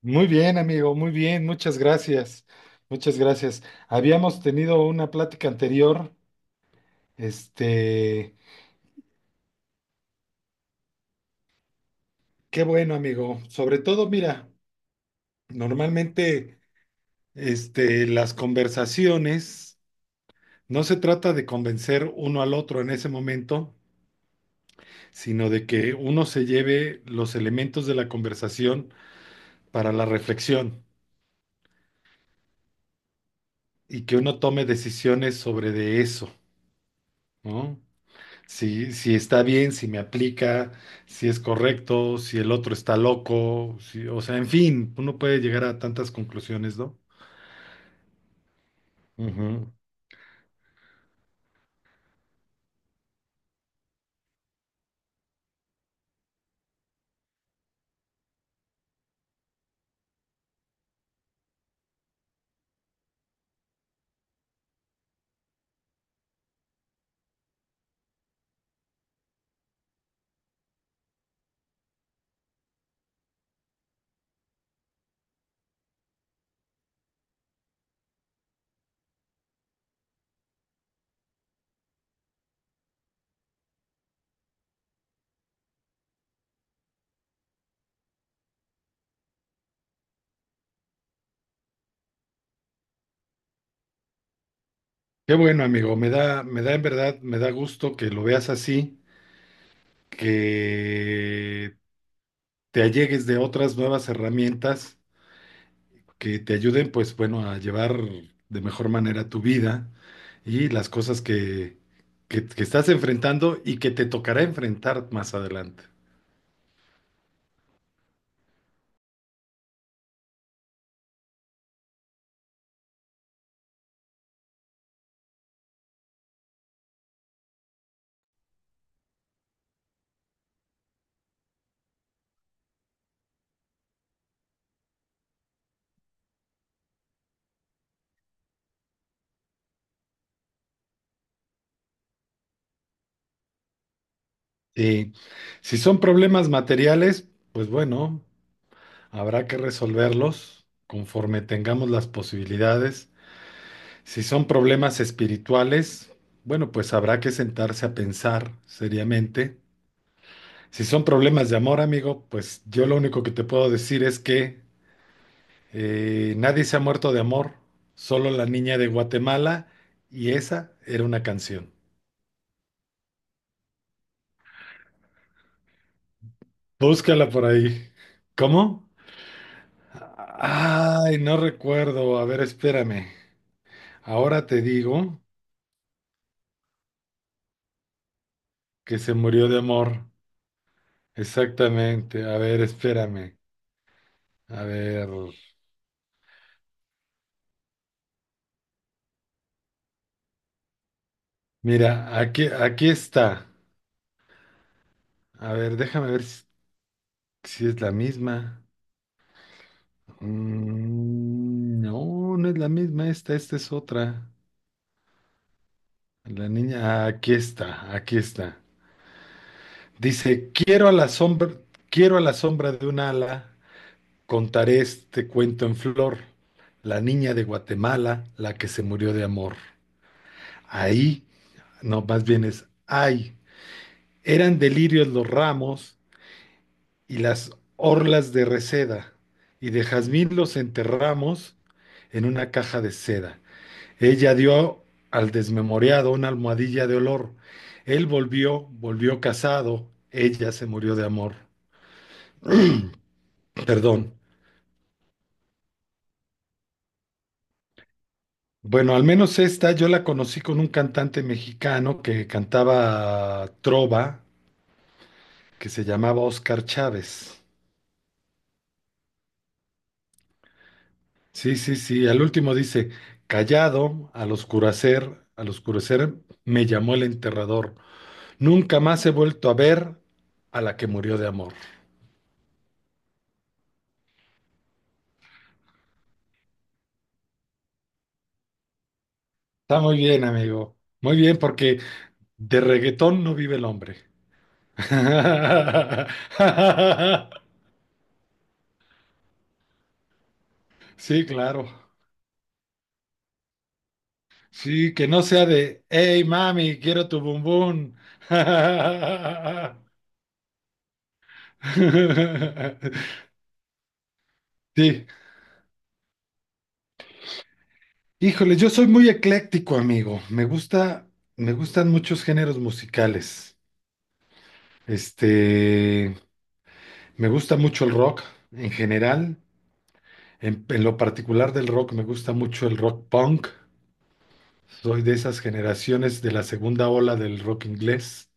Muy bien, amigo, muy bien, muchas gracias, muchas gracias. Habíamos tenido una plática anterior, este, qué bueno, amigo. Sobre todo, mira, normalmente, las conversaciones no se trata de convencer uno al otro en ese momento, sino de que uno se lleve los elementos de la conversación para la reflexión y que uno tome decisiones sobre de eso, ¿no? Si está bien, si me aplica, si es correcto, si el otro está loco, o sea, en fin, uno puede llegar a tantas conclusiones, ¿no? Ujú. Qué bueno, amigo, me da en verdad, me da gusto que lo veas así, que te allegues de otras nuevas herramientas que te ayuden, pues bueno, a llevar de mejor manera tu vida y las cosas que estás enfrentando y que te tocará enfrentar más adelante. Y si son problemas materiales, pues bueno, habrá que resolverlos conforme tengamos las posibilidades. Si son problemas espirituales, bueno, pues habrá que sentarse a pensar seriamente. Si son problemas de amor, amigo, pues yo lo único que te puedo decir es que nadie se ha muerto de amor, solo la niña de Guatemala y esa era una canción. Búscala por ahí. ¿Cómo? Ay, no recuerdo. A ver, espérame. Ahora te digo que se murió de amor. Exactamente. A ver, espérame. A ver. Mira, aquí, aquí está. A ver, déjame ver si, si es la misma. Mm, no, no es la misma esta. Esta es otra. La niña. Ah, aquí está. Aquí está. Dice, quiero a la sombra, quiero a la sombra de un ala. Contaré este cuento en flor, la niña de Guatemala, la que se murió de amor. Ahí, no, más bien es, ay, eran delirios los ramos y las orlas de reseda, y de jazmín los enterramos en una caja de seda. Ella dio al desmemoriado una almohadilla de olor. Él volvió, volvió casado, ella se murió de amor. Perdón. Bueno, al menos esta yo la conocí con un cantante mexicano que cantaba trova, que se llamaba Oscar Chávez. Sí, sí, sí. Al último dice, callado, al oscurecer me llamó el enterrador. Nunca más he vuelto a ver a la que murió de amor. Está muy bien, amigo. Muy bien, porque de reggaetón no vive el hombre. Sí, claro. Sí, que no sea de, hey mami, quiero tu bumbum. Sí, híjole, yo soy muy ecléctico, amigo. Me gustan muchos géneros musicales. Este, me gusta mucho el rock en general. En lo particular del rock, me gusta mucho el rock punk. Soy de esas generaciones de la segunda ola del rock inglés.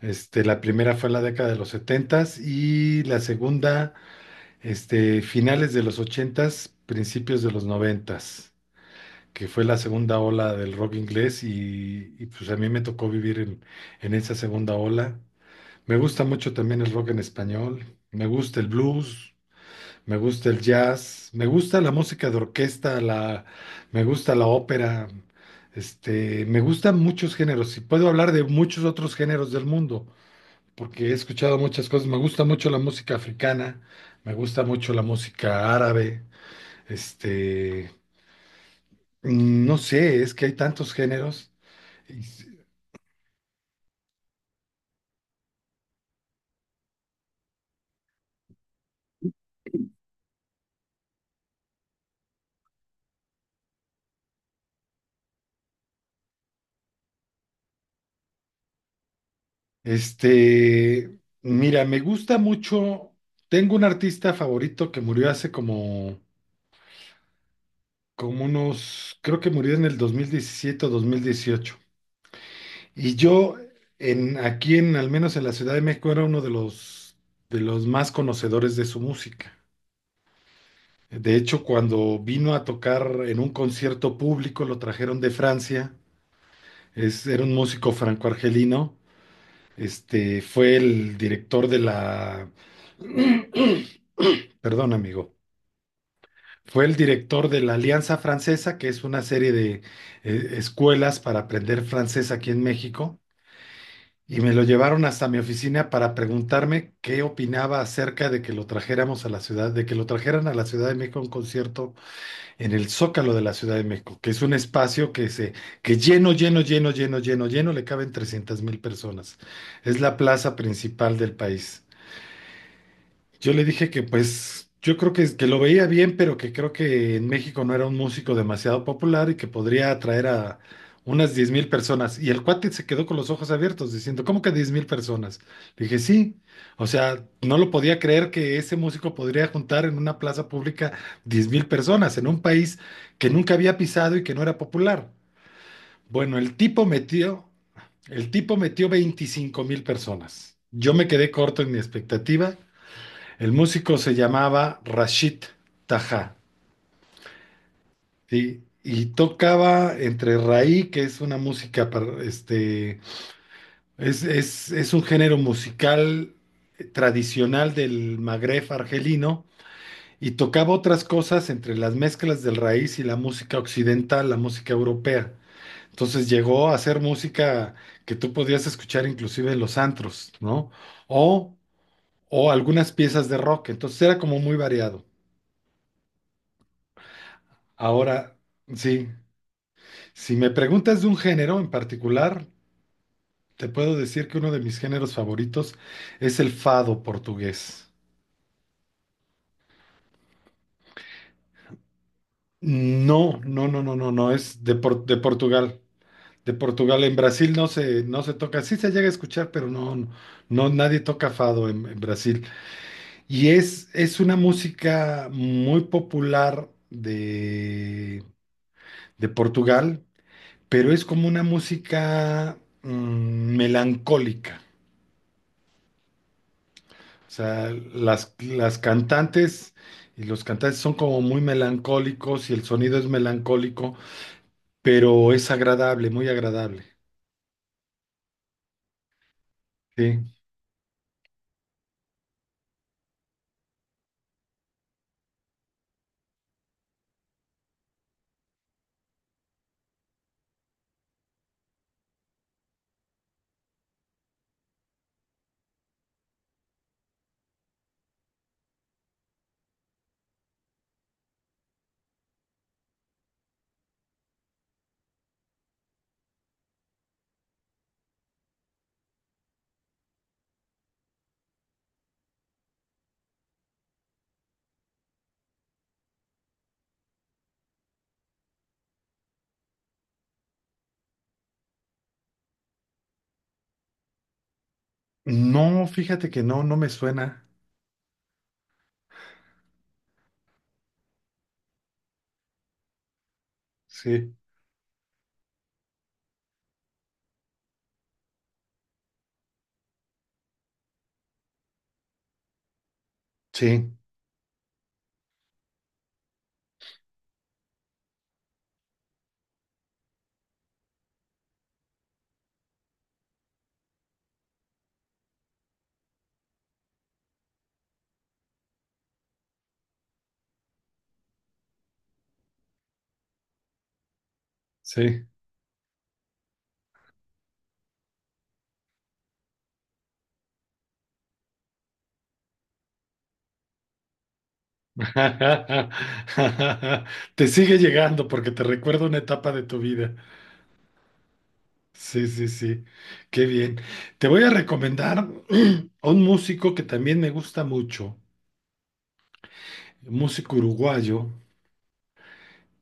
La primera fue en la década de los setentas y la segunda. Finales de los ochentas, principios de los noventas, que fue la segunda ola del rock inglés pues a mí me tocó vivir en esa segunda ola. Me gusta mucho también el rock en español, me gusta el blues, me gusta el jazz, me gusta la música de orquesta, la, me gusta la ópera, me gustan muchos géneros y puedo hablar de muchos otros géneros del mundo, porque he escuchado muchas cosas. Me gusta mucho la música africana, me gusta mucho la música árabe, este, no sé, es que hay tantos géneros. Es- mira, me gusta mucho. Tengo un artista favorito que murió hace como unos, creo que murió en el 2017 o 2018. Y yo, al menos en la Ciudad de México, era uno de los más conocedores de su música. De hecho, cuando vino a tocar en un concierto público, lo trajeron de Francia, era un músico franco-argelino, fue el director de la, perdón, amigo, fue el director de la Alianza Francesa, que es una serie de escuelas para aprender francés aquí en México, y me lo llevaron hasta mi oficina para preguntarme qué opinaba acerca de que lo trajéramos a la ciudad, de que lo trajeran a la Ciudad de México a un concierto en el Zócalo de la Ciudad de México, que es un espacio que lleno, lleno, lleno, lleno, lleno, lleno, le caben 300.000 personas. Es la plaza principal del país. Yo le dije que pues yo creo que lo veía bien, pero que creo que en México no era un músico demasiado popular y que podría atraer a unas 10.000 personas. Y el cuate se quedó con los ojos abiertos diciendo, ¿cómo que 10.000 personas? Le dije, sí. O sea, no lo podía creer que ese músico podría juntar en una plaza pública 10.000 personas en un país que nunca había pisado y que no era popular. Bueno, el tipo metió 25.000 personas. Yo me quedé corto en mi expectativa. El músico se llamaba Rashid Taha, ¿sí? Y tocaba entre raí, que es una música, es un género musical tradicional del Magreb argelino, y tocaba otras cosas entre las mezclas del raíz y la música occidental, la música europea. Entonces llegó a hacer música que tú podías escuchar inclusive en los antros, ¿no? O, o algunas piezas de rock. Entonces era como muy variado. Ahora, sí. Si me preguntas de un género en particular, te puedo decir que uno de mis géneros favoritos es el fado portugués. No, no, no, no, no, no, de Portugal. De Portugal, en Brasil no se toca, sí se llega a escuchar, pero no, no, no, nadie toca fado en Brasil. Y es una música muy popular de Portugal, pero es como una música melancólica. O sea, las cantantes y los cantantes son como muy melancólicos y el sonido es melancólico, pero es agradable, muy agradable. Sí. No, fíjate que no, no me suena. Sí, sí, sí. Te sigue llegando porque te recuerda una etapa de tu vida. Sí, sí, sí. Qué bien. Te voy a recomendar a un músico que también me gusta mucho, un músico uruguayo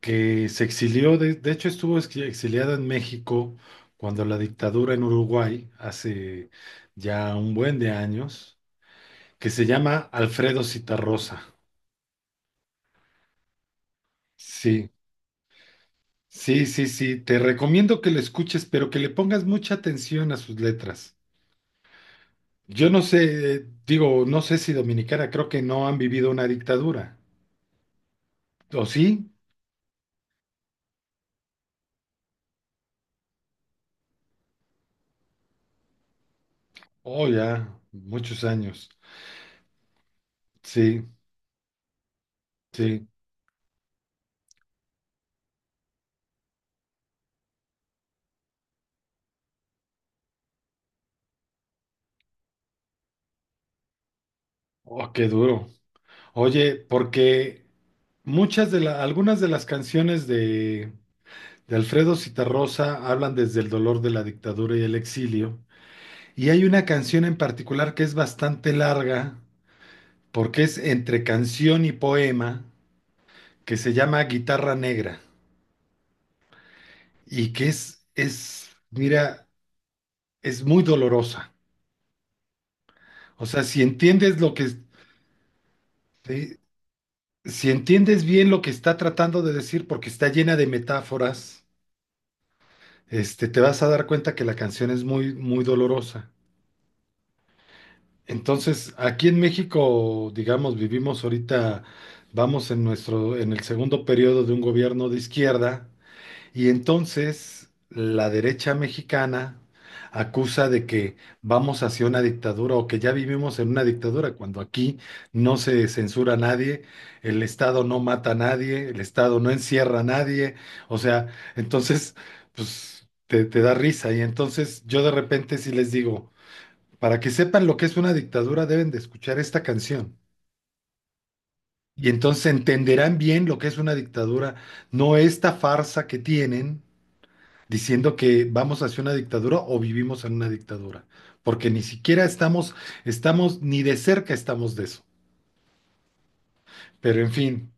que se exilió, de hecho estuvo exiliada en México cuando la dictadura en Uruguay, hace ya un buen de años, que se llama Alfredo Citarrosa. Sí, sí, sí, sí, te recomiendo que lo escuches, pero que le pongas mucha atención a sus letras. Yo no sé, digo, no sé si dominicana, creo que no han vivido una dictadura. ¿O sí? Oh, ya, muchos años. Sí, sí. Oh, qué duro. Oye, porque algunas de las canciones de Alfredo Zitarrosa hablan desde el dolor de la dictadura y el exilio. Y hay una canción en particular que es bastante larga, porque es entre canción y poema, que se llama Guitarra Negra, y que es, mira, es muy dolorosa. O sea, eh, si entiendes bien lo que está tratando de decir, porque está llena de metáforas, te vas a dar cuenta que la canción es muy, muy dolorosa. Entonces, aquí en México, digamos, vivimos ahorita, vamos en nuestro, en el segundo periodo de un gobierno de izquierda, y entonces la derecha mexicana acusa de que vamos hacia una dictadura o que ya vivimos en una dictadura, cuando aquí no se censura a nadie, el Estado no mata a nadie, el Estado no encierra a nadie, o sea, entonces, pues te da risa, y entonces yo de repente sí les digo. Para que sepan lo que es una dictadura, deben de escuchar esta canción. Y entonces entenderán bien lo que es una dictadura, no esta farsa que tienen diciendo que vamos hacia una dictadura o vivimos en una dictadura, porque ni siquiera estamos, estamos, ni de cerca estamos de eso. Pero en fin,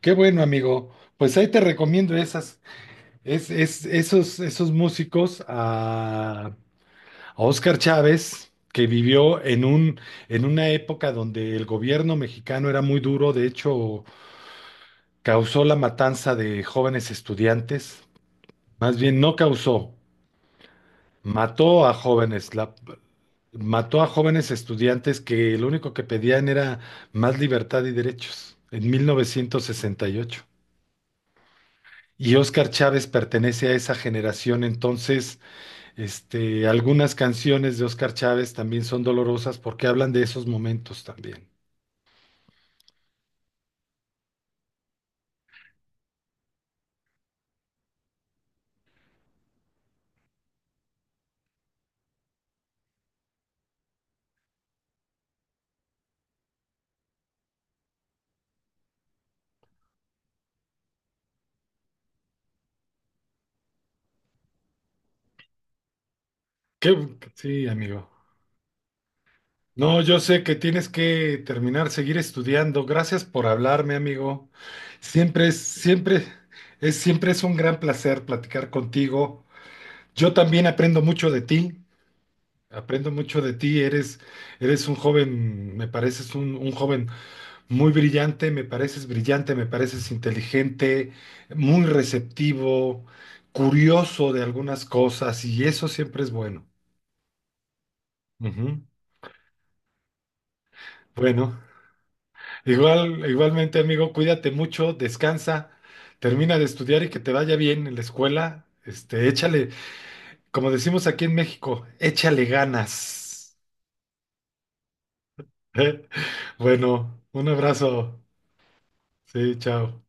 qué bueno, amigo. Pues ahí te recomiendo esas, es- esos, esos músicos a Óscar Chávez, que vivió en una época donde el gobierno mexicano era muy duro, de hecho, causó la matanza de jóvenes estudiantes, más bien no causó, mató a jóvenes, la- mató a jóvenes estudiantes que lo único que pedían era más libertad y derechos en 1968. Y ocho. Y Óscar Chávez pertenece a esa generación, entonces, algunas canciones de Óscar Chávez también son dolorosas porque hablan de esos momentos también. Sí, amigo. No, yo sé que tienes que terminar, seguir estudiando. Gracias por hablarme, amigo. Siempre es, siempre siempre es un gran placer platicar contigo. Yo también aprendo mucho de ti. Aprendo mucho de ti. Eres un joven, me pareces un joven muy brillante, me pareces inteligente, muy receptivo, curioso de algunas cosas, y eso siempre es bueno. Ujú. Bueno. Igual, igualmente, amigo, cuídate mucho, descansa, termina de estudiar y que te vaya bien en la escuela. Échale, como decimos aquí en México, échale ganas. Bueno, un abrazo. Sí, chao.